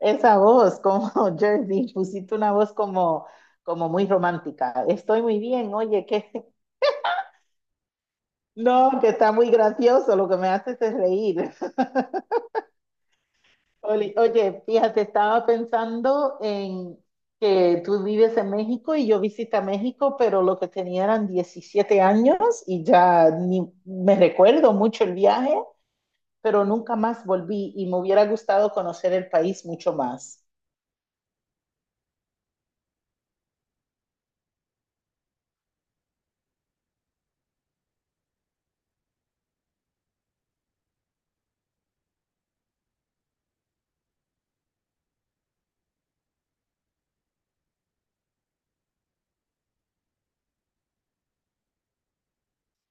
Esa voz, como Jersey, pusiste una voz como, como muy romántica. Estoy muy bien, oye, que no, que está muy gracioso, lo que me haces es reír. Oye, fíjate, estaba pensando en que tú vives en México y yo visité México, pero lo que tenía eran 17 años y ya ni me recuerdo mucho el viaje, pero nunca más volví y me hubiera gustado conocer el país mucho más.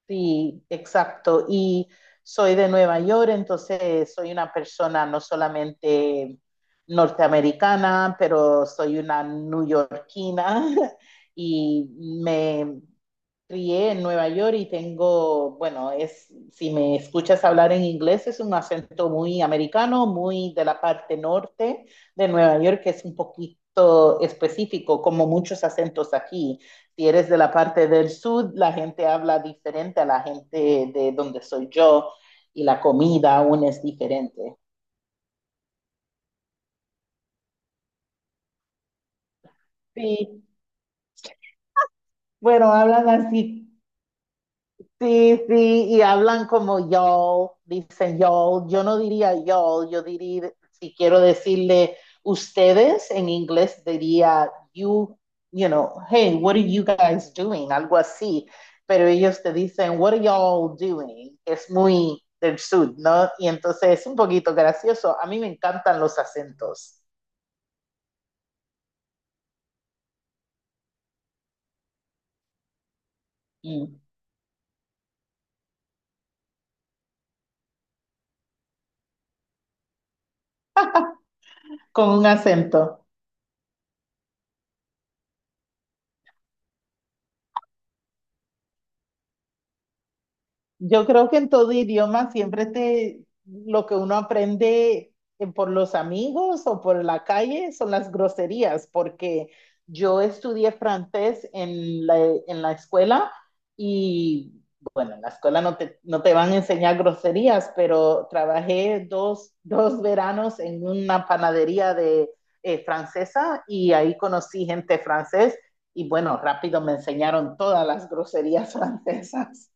Sí, exacto. Y soy de Nueva York, entonces soy una persona no solamente norteamericana, pero soy una neoyorquina y me, crié en Nueva York y tengo, bueno, es, si me escuchas hablar en inglés, es un acento muy americano, muy de la parte norte de Nueva York, que es un poquito específico, como muchos acentos aquí. Si eres de la parte del sur, la gente habla diferente a la gente de donde soy yo y la comida aún es diferente. Sí, bueno, hablan así. Sí, sí, y hablan como yo, dicen yo, yo no diría yo, yo diría, si quiero decirle ustedes en inglés, diría you, you know, hey, what are you guys doing? Algo así, pero ellos te dicen, what are y'all doing? Es muy del sur, ¿no? Y entonces es un poquito gracioso, a mí me encantan los acentos. Mm. Con un acento. Yo creo que en todo idioma siempre lo que uno aprende por los amigos o por la calle son las groserías, porque yo estudié francés en en la escuela y bueno, en la escuela no te van a enseñar groserías, pero trabajé dos veranos en una panadería de, francesa y ahí conocí gente francés y bueno, rápido me enseñaron todas las groserías francesas.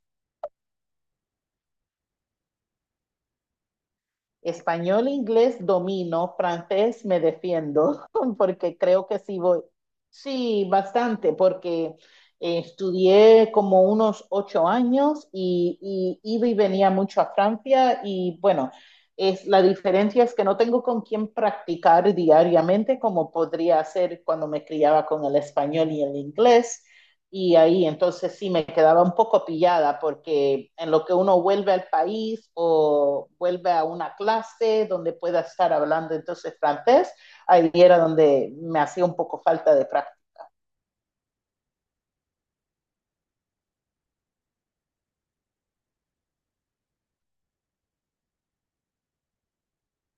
Español, inglés domino, francés me defiendo, porque creo que sí voy. Sí, bastante, porque estudié como unos 8 años y iba y venía mucho a Francia y bueno, es, la diferencia es que no tengo con quién practicar diariamente como podría hacer cuando me criaba con el español y el inglés. Y ahí entonces sí me quedaba un poco pillada porque en lo que uno vuelve al país o vuelve a una clase donde pueda estar hablando entonces francés, ahí era donde me hacía un poco falta de práctica.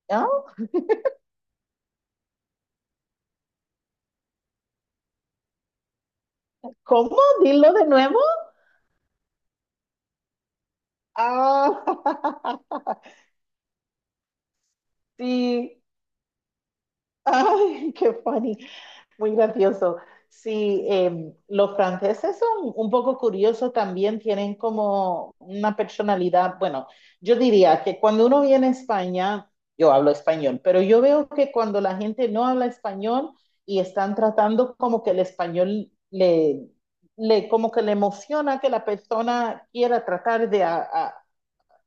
¿No? ¿Cómo? Dilo de nuevo. Ah, sí. Ay, qué funny. Muy gracioso. Sí, los franceses son un poco curiosos también, tienen como una personalidad, bueno, yo diría que cuando uno viene a España, yo hablo español, pero yo veo que cuando la gente no habla español y están tratando como que el español le como que le emociona que la persona quiera tratar de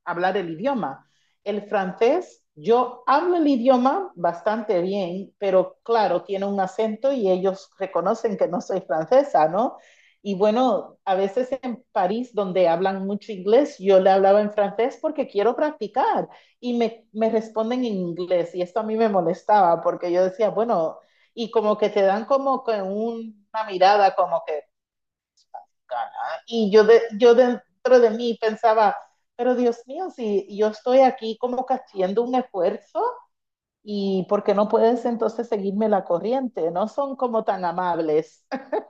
hablar el idioma. El francés, yo hablo el idioma bastante bien, pero claro, tiene un acento y ellos reconocen que no soy francesa, ¿no? Y bueno, a veces en París, donde hablan mucho inglés, yo le hablaba en francés porque quiero practicar me responden en inglés. Y esto a mí me molestaba porque yo decía, bueno, y como que te dan como con una mirada como que gana. Y yo dentro de mí pensaba, pero Dios mío, si yo estoy aquí como que haciendo un esfuerzo y ¿por qué no puedes entonces seguirme la corriente? No son como tan amables.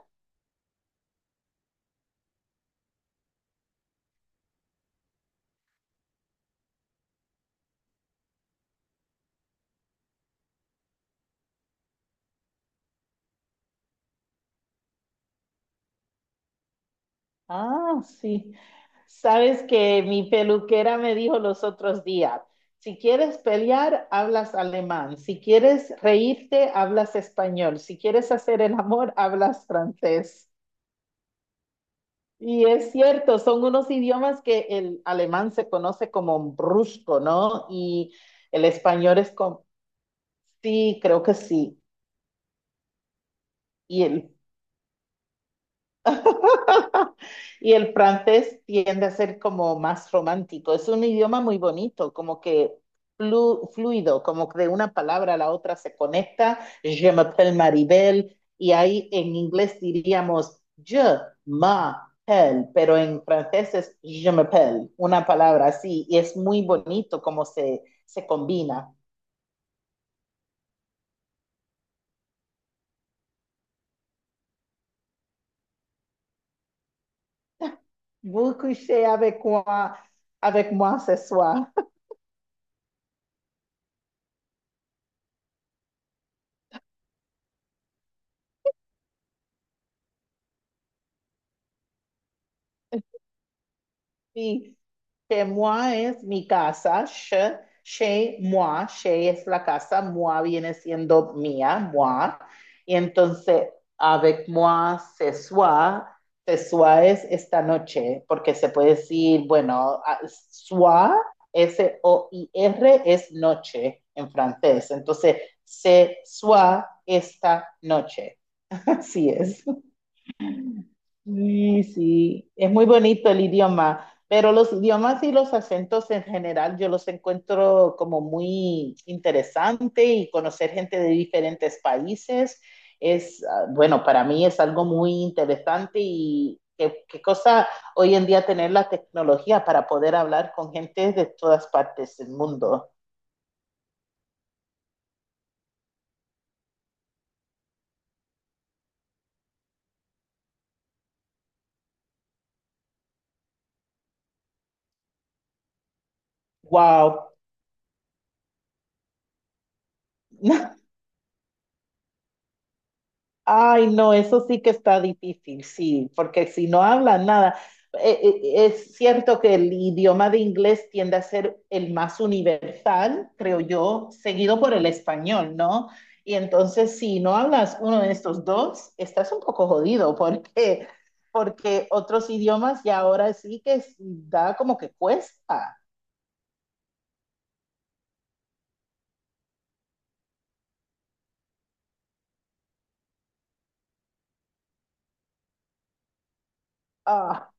Ah, sí. Sabes que mi peluquera me dijo los otros días, si quieres pelear, hablas alemán. Si quieres reírte, hablas español. Si quieres hacer el amor, hablas francés. Y es cierto, son unos idiomas que el alemán se conoce como brusco, ¿no? Y el español es como, sí, creo que sí. Y el Y el francés tiende a ser como más romántico. Es un idioma muy bonito, como que fluido, como que de una palabra a la otra se conecta. Je m'appelle Maribel. Y ahí en inglés diríamos je m'appelle, pero en francés es je m'appelle, una palabra así. Y es muy bonito como se combina. Vous couchez avec moi ce soir. Sí. Chez moi es mi casa, che, chez moi, chez es la casa, moi viene siendo mía, moi. Y entonces, avec moi, ce soir es esta noche, porque se puede decir, bueno, soir, SOIR es noche en francés. Entonces, ce soir, esta noche. Así es. Sí, sí, es muy bonito el idioma, pero los idiomas y los acentos en general yo los encuentro como muy interesante y conocer gente de diferentes países es, ah, bueno, para mí es algo muy interesante y qué, qué cosa hoy en día tener la tecnología para poder hablar con gente de todas partes del mundo. Wow. Ay, no, eso sí que está difícil, sí, porque si no hablan nada, es cierto que el idioma de inglés tiende a ser el más universal, creo yo, seguido por el español, ¿no? Y entonces, si no hablas uno de estos dos, estás un poco jodido, porque otros idiomas y ahora sí que es- da como que cuesta. Ah,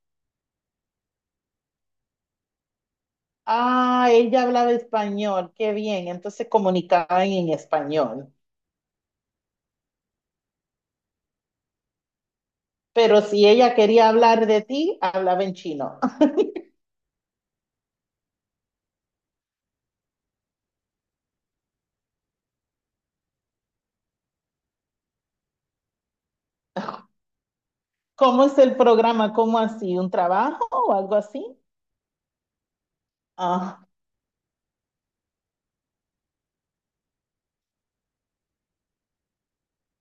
ah, ella hablaba español, qué bien, entonces comunicaban en español. Pero si ella quería hablar de ti, hablaba en chino. ¿Cómo es el programa? ¿Cómo así? ¿Un trabajo o algo así? Ah,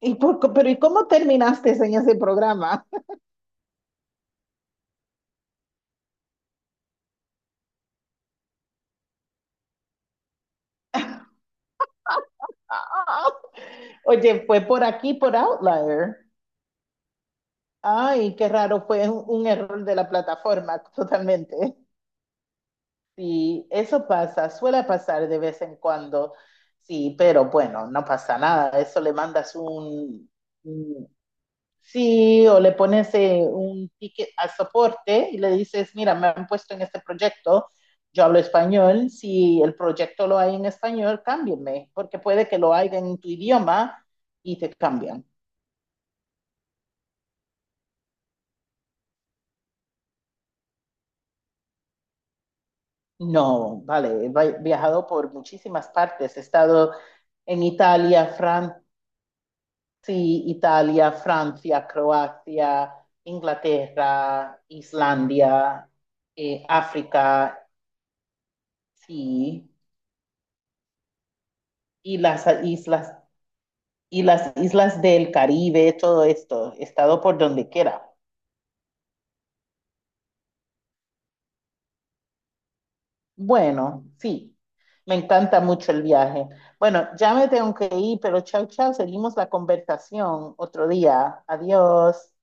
¿y por qué- pero ¿y cómo terminaste en ese programa? Ah, oye, fue por aquí, por Outlier. Ay, qué raro, fue un error de la plataforma, totalmente. Sí, eso pasa, suele pasar de vez en cuando. Sí, pero bueno, no pasa nada. Eso le mandas un. Sí, o le pones un ticket al soporte y le dices, mira, me han puesto en este proyecto, yo hablo español, si el proyecto lo hay en español, cámbienme, porque puede que lo haya en tu idioma y te cambian. No, vale, viajado por muchísimas partes, he estado en Italia, Francia, Italia, Francia, Croacia, Inglaterra, Islandia, África, sí, y las islas y las islas del Caribe, todo esto, he estado por donde quiera. Bueno, sí, me encanta mucho el viaje. Bueno, ya me tengo que ir, pero chao, chao, seguimos la conversación otro día. Adiós.